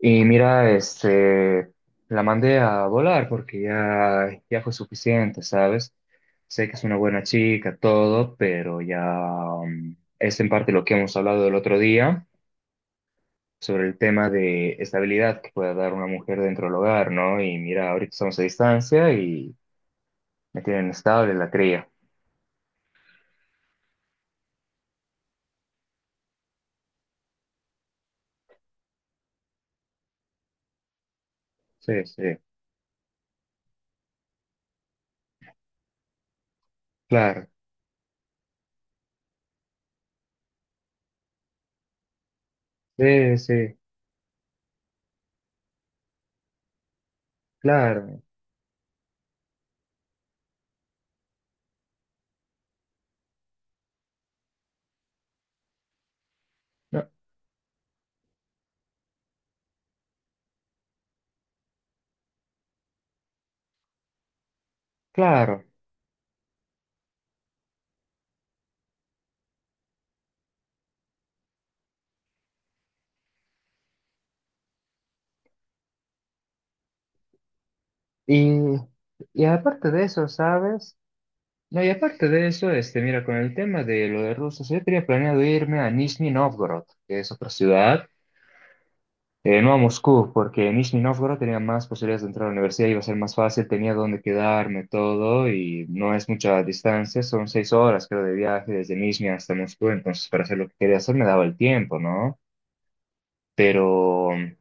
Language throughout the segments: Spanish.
Y mira, este, la mandé a volar porque ya fue suficiente, ¿sabes? Sé que es una buena chica, todo, pero es en parte lo que hemos hablado el otro día sobre el tema de estabilidad que pueda dar una mujer dentro del hogar, ¿no? Y mira, ahorita estamos a distancia y me tienen estable la cría. Sí, sí, claro. Sí, sí, claro. No, claro. Y, y aparte de eso, ¿sabes? No, y aparte de eso, este, mira, con el tema de lo de Rusia, yo tenía planeado irme a Nizhny Novgorod, que es otra ciudad, no a Moscú, porque en Nizhny Novgorod tenía más posibilidades de entrar a la universidad, iba a ser más fácil, tenía dónde quedarme, todo, y no es mucha distancia, son 6 horas, creo, de viaje desde Nizhny hasta Moscú, entonces para hacer lo que quería hacer me daba el tiempo, ¿no? Pero mm,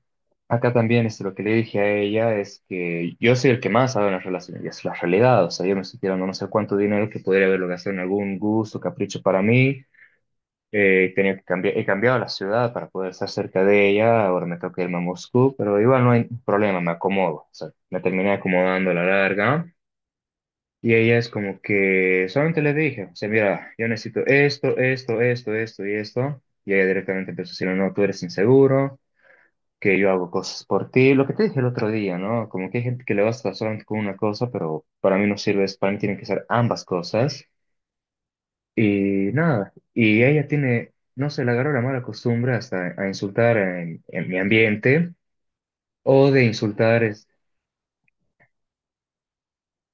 Acá también es lo que le dije a ella es que yo soy el que más sabe en las relaciones, y es la realidad. O sea, yo me estoy tirando no sé cuánto dinero que podría haberlo gastado en algún gusto, capricho para mí. Tenía que cambiar, he cambiado la ciudad para poder estar cerca de ella. Ahora me toca irme a Moscú, pero igual no hay problema, me acomodo. O sea, me terminé acomodando a la larga. Y ella es como que solamente le dije, o sea, mira, yo necesito esto, esto, esto, esto y esto. Y ella directamente empezó a decirme, no, tú eres inseguro que yo hago cosas por ti. Lo que te dije el otro día, ¿no? Como que hay gente que le basta solamente con una cosa, pero para mí no sirve eso. Para mí tienen que ser ambas cosas. Y nada, y ella tiene, no sé, le agarró la mala costumbre hasta a insultar en mi ambiente o de insultar es,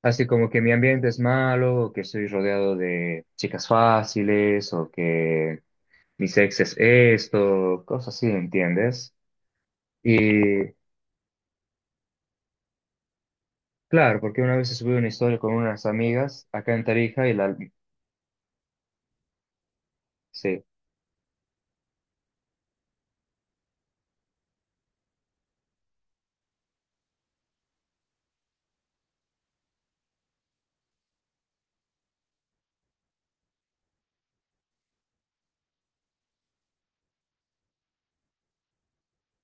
así como que mi ambiente es malo, o que estoy rodeado de chicas fáciles o que mi sexo es esto, cosas así, ¿entiendes? Y claro, porque una vez subí una historia con unas amigas acá en Tarija y la, sí,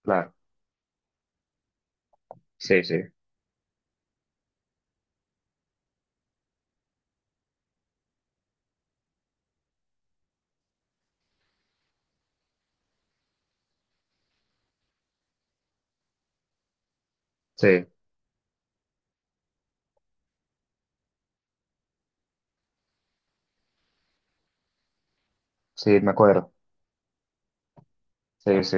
claro. Sí, sí, sí, sí, me acuerdo. Sí, sí,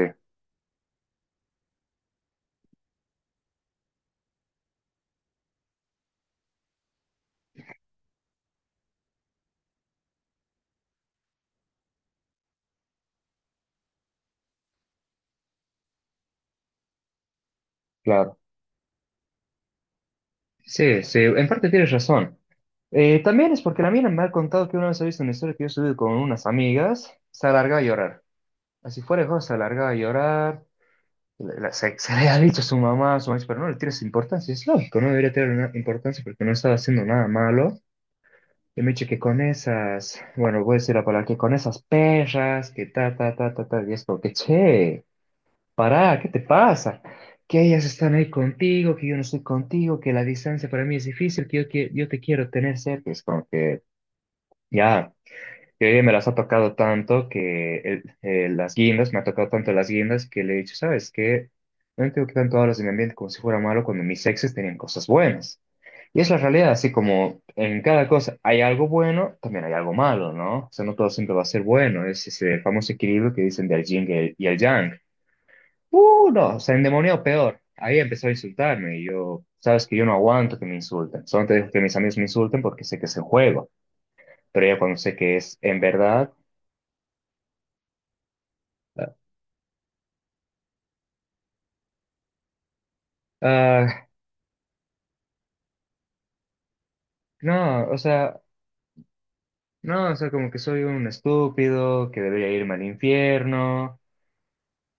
claro. Sí, sí, en parte tienes razón. También es porque la mina me ha contado que una vez ha visto una historia que yo subí con unas amigas, se alargaba a llorar. Así fuera de juego, se alargaba a llorar. Se le ha dicho a su mamá, pero no le tienes importancia. Es lógico, no debería tener una importancia porque no estaba haciendo nada malo. Y me dice que con esas, bueno, voy a decir la palabra, que con esas perras, que ta, ta, ta, ta, ta, y es como que, che. Pará, ¿qué te pasa? Que ellas están ahí contigo, que yo no estoy contigo, que la distancia para mí es difícil, que yo, yo te quiero tener cerca. Es como que ya, que me las ha tocado tanto que las guindas, me ha tocado tanto las guindas que le he dicho, ¿sabes qué? No entiendo que tanto hablas de mi ambiente como si fuera malo cuando mis exes tenían cosas buenas. Y es la realidad, así como en cada cosa hay algo bueno, también hay algo malo, ¿no? O sea, no todo siempre va a ser bueno, es ese famoso equilibrio que dicen del yin y el yang. No, se endemonió peor. Ahí empezó a insultarme y yo, sabes que yo no aguanto que me insulten. Solo te dejo que mis amigos me insulten porque sé que es en juego. Pero ya cuando sé que es en verdad, ah, ah, no, o sea, no, o sea, como que soy un estúpido, que debería irme al infierno,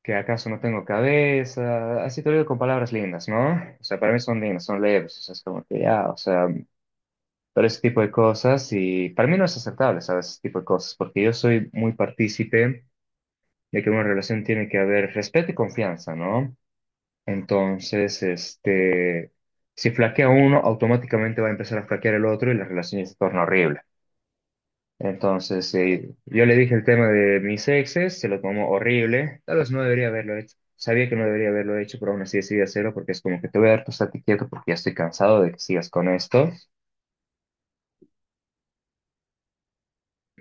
que acaso no tengo cabeza. Así te lo digo con palabras lindas, ¿no? O sea, para mí son lindas, son leves, o sea, es como que ya, o sea, pero ese tipo de cosas y para mí no es aceptable, ¿sabes? Ese tipo de cosas, porque yo soy muy partícipe. Ya que en una relación tiene que haber respeto y confianza, ¿no? Entonces, este, si flaquea uno, automáticamente va a empezar a flaquear el otro y la relación ya se torna horrible. Entonces, yo le dije el tema de mis exes, se lo tomó horrible, tal vez no debería haberlo hecho. Sabía que no debería haberlo hecho, pero aún así decidí hacerlo porque es como que te voy a dar tu estate quieto porque ya estoy cansado de que sigas con esto.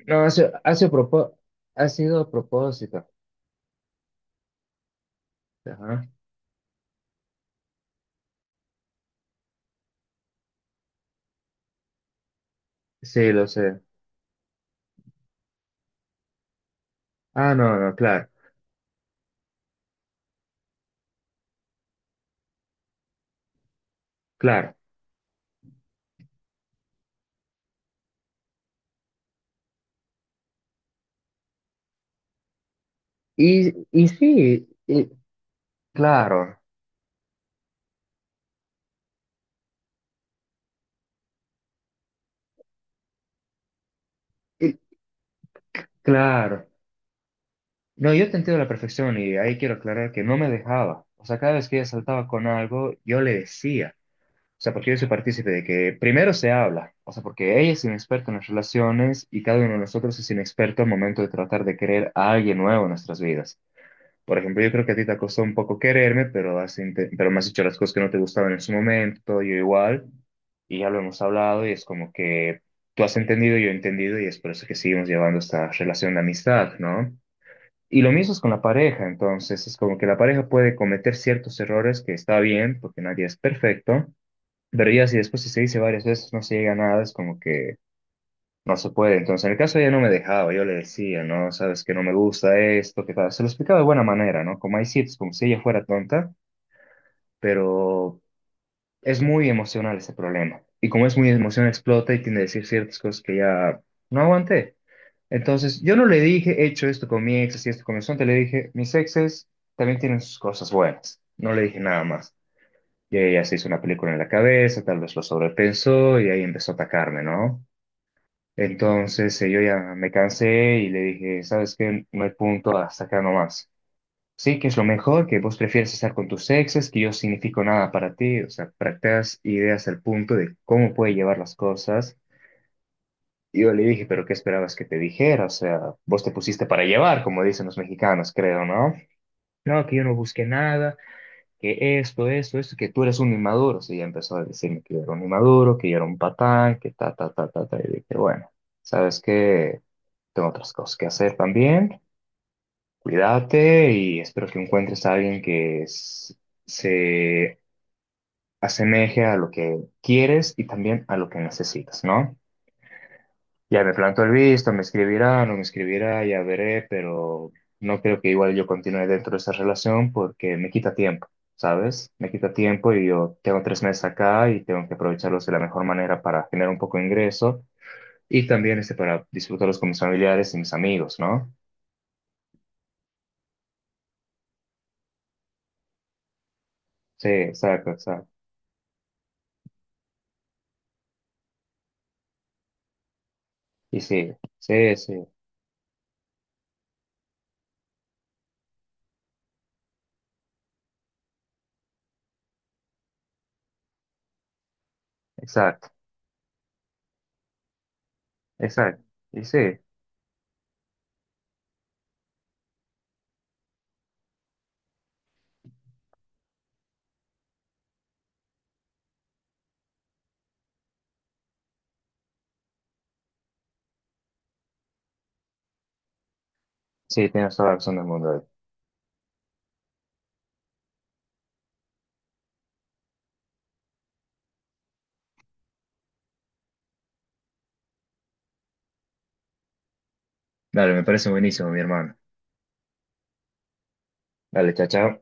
No, ha sido a propósito. Ajá. Sí, lo sé. Ah, no, no, claro. Claro. Y sí, claro, y- claro. No, yo te entiendo a la perfección y ahí quiero aclarar que no me dejaba. O sea, cada vez que ella saltaba con algo, yo le decía. O sea, porque yo soy partícipe de que primero se habla. O sea, porque ella es inexperta en las relaciones y cada uno de nosotros es inexperto al momento de tratar de querer a alguien nuevo en nuestras vidas. Por ejemplo, yo creo que a ti te ha costado un poco quererme, pero pero me has dicho las cosas que no te gustaban en su momento, yo igual, y ya lo hemos hablado y es como que tú has entendido, yo he entendido y es por eso que seguimos llevando esta relación de amistad, ¿no? Y lo mismo es con la pareja, entonces es como que la pareja puede cometer ciertos errores que está bien, porque nadie es perfecto, pero ya si después si se dice varias veces no se llega a nada, es como que no se puede. Entonces, en el caso ella no me dejaba, yo le decía, no, sabes que no me gusta esto, que tal. Se lo explicaba de buena manera, ¿no? Como hay sitios, como si ella fuera tonta, pero es muy emocional ese problema. Y como es muy emocional, explota y tiende a decir ciertas cosas que ya no aguanté. Entonces, yo no le dije, he hecho esto con mi ex, y esto con mi sonte, le dije, mis exes también tienen sus cosas buenas. No le dije nada más. Y ella se hizo una película en la cabeza, tal vez lo sobrepensó y ahí empezó a atacarme, ¿no? Entonces yo ya me cansé y le dije, ¿sabes qué? No hay punto hasta acá nomás. Sí, que es lo mejor, que vos prefieres estar con tus exes, que yo significo nada para ti, o sea, para que te hagas ideas al punto de cómo puede llevar las cosas. Y yo le dije, pero ¿qué esperabas que te dijera? O sea, vos te pusiste para llevar, como dicen los mexicanos, creo, ¿no? No, que yo no busqué nada, que esto, que tú eres un inmaduro. Sí, ya empezó a decirme que yo era un inmaduro, que yo era un patán, que ta, ta, ta, ta, ta. Y dije, bueno, ¿sabes qué? Tengo otras cosas que hacer también. Cuídate y espero que encuentres a alguien que se asemeje a lo que quieres y también a lo que necesitas, ¿no? Ya me planto el visto, me escribirá, no me escribirá, ya veré, pero no creo que igual yo continúe dentro de esa relación porque me quita tiempo, ¿sabes? Me quita tiempo y yo tengo 3 meses acá y tengo que aprovecharlos de la mejor manera para generar un poco de ingreso y también este para disfrutarlos con mis familiares y mis amigos, ¿no? Sí, exacto, exacto. Y sí, sí, sí, exacto, exacto. Y sí, sí, tienes toda la razón del mundo. Dale, me parece buenísimo, mi hermano. Dale, chao, chao.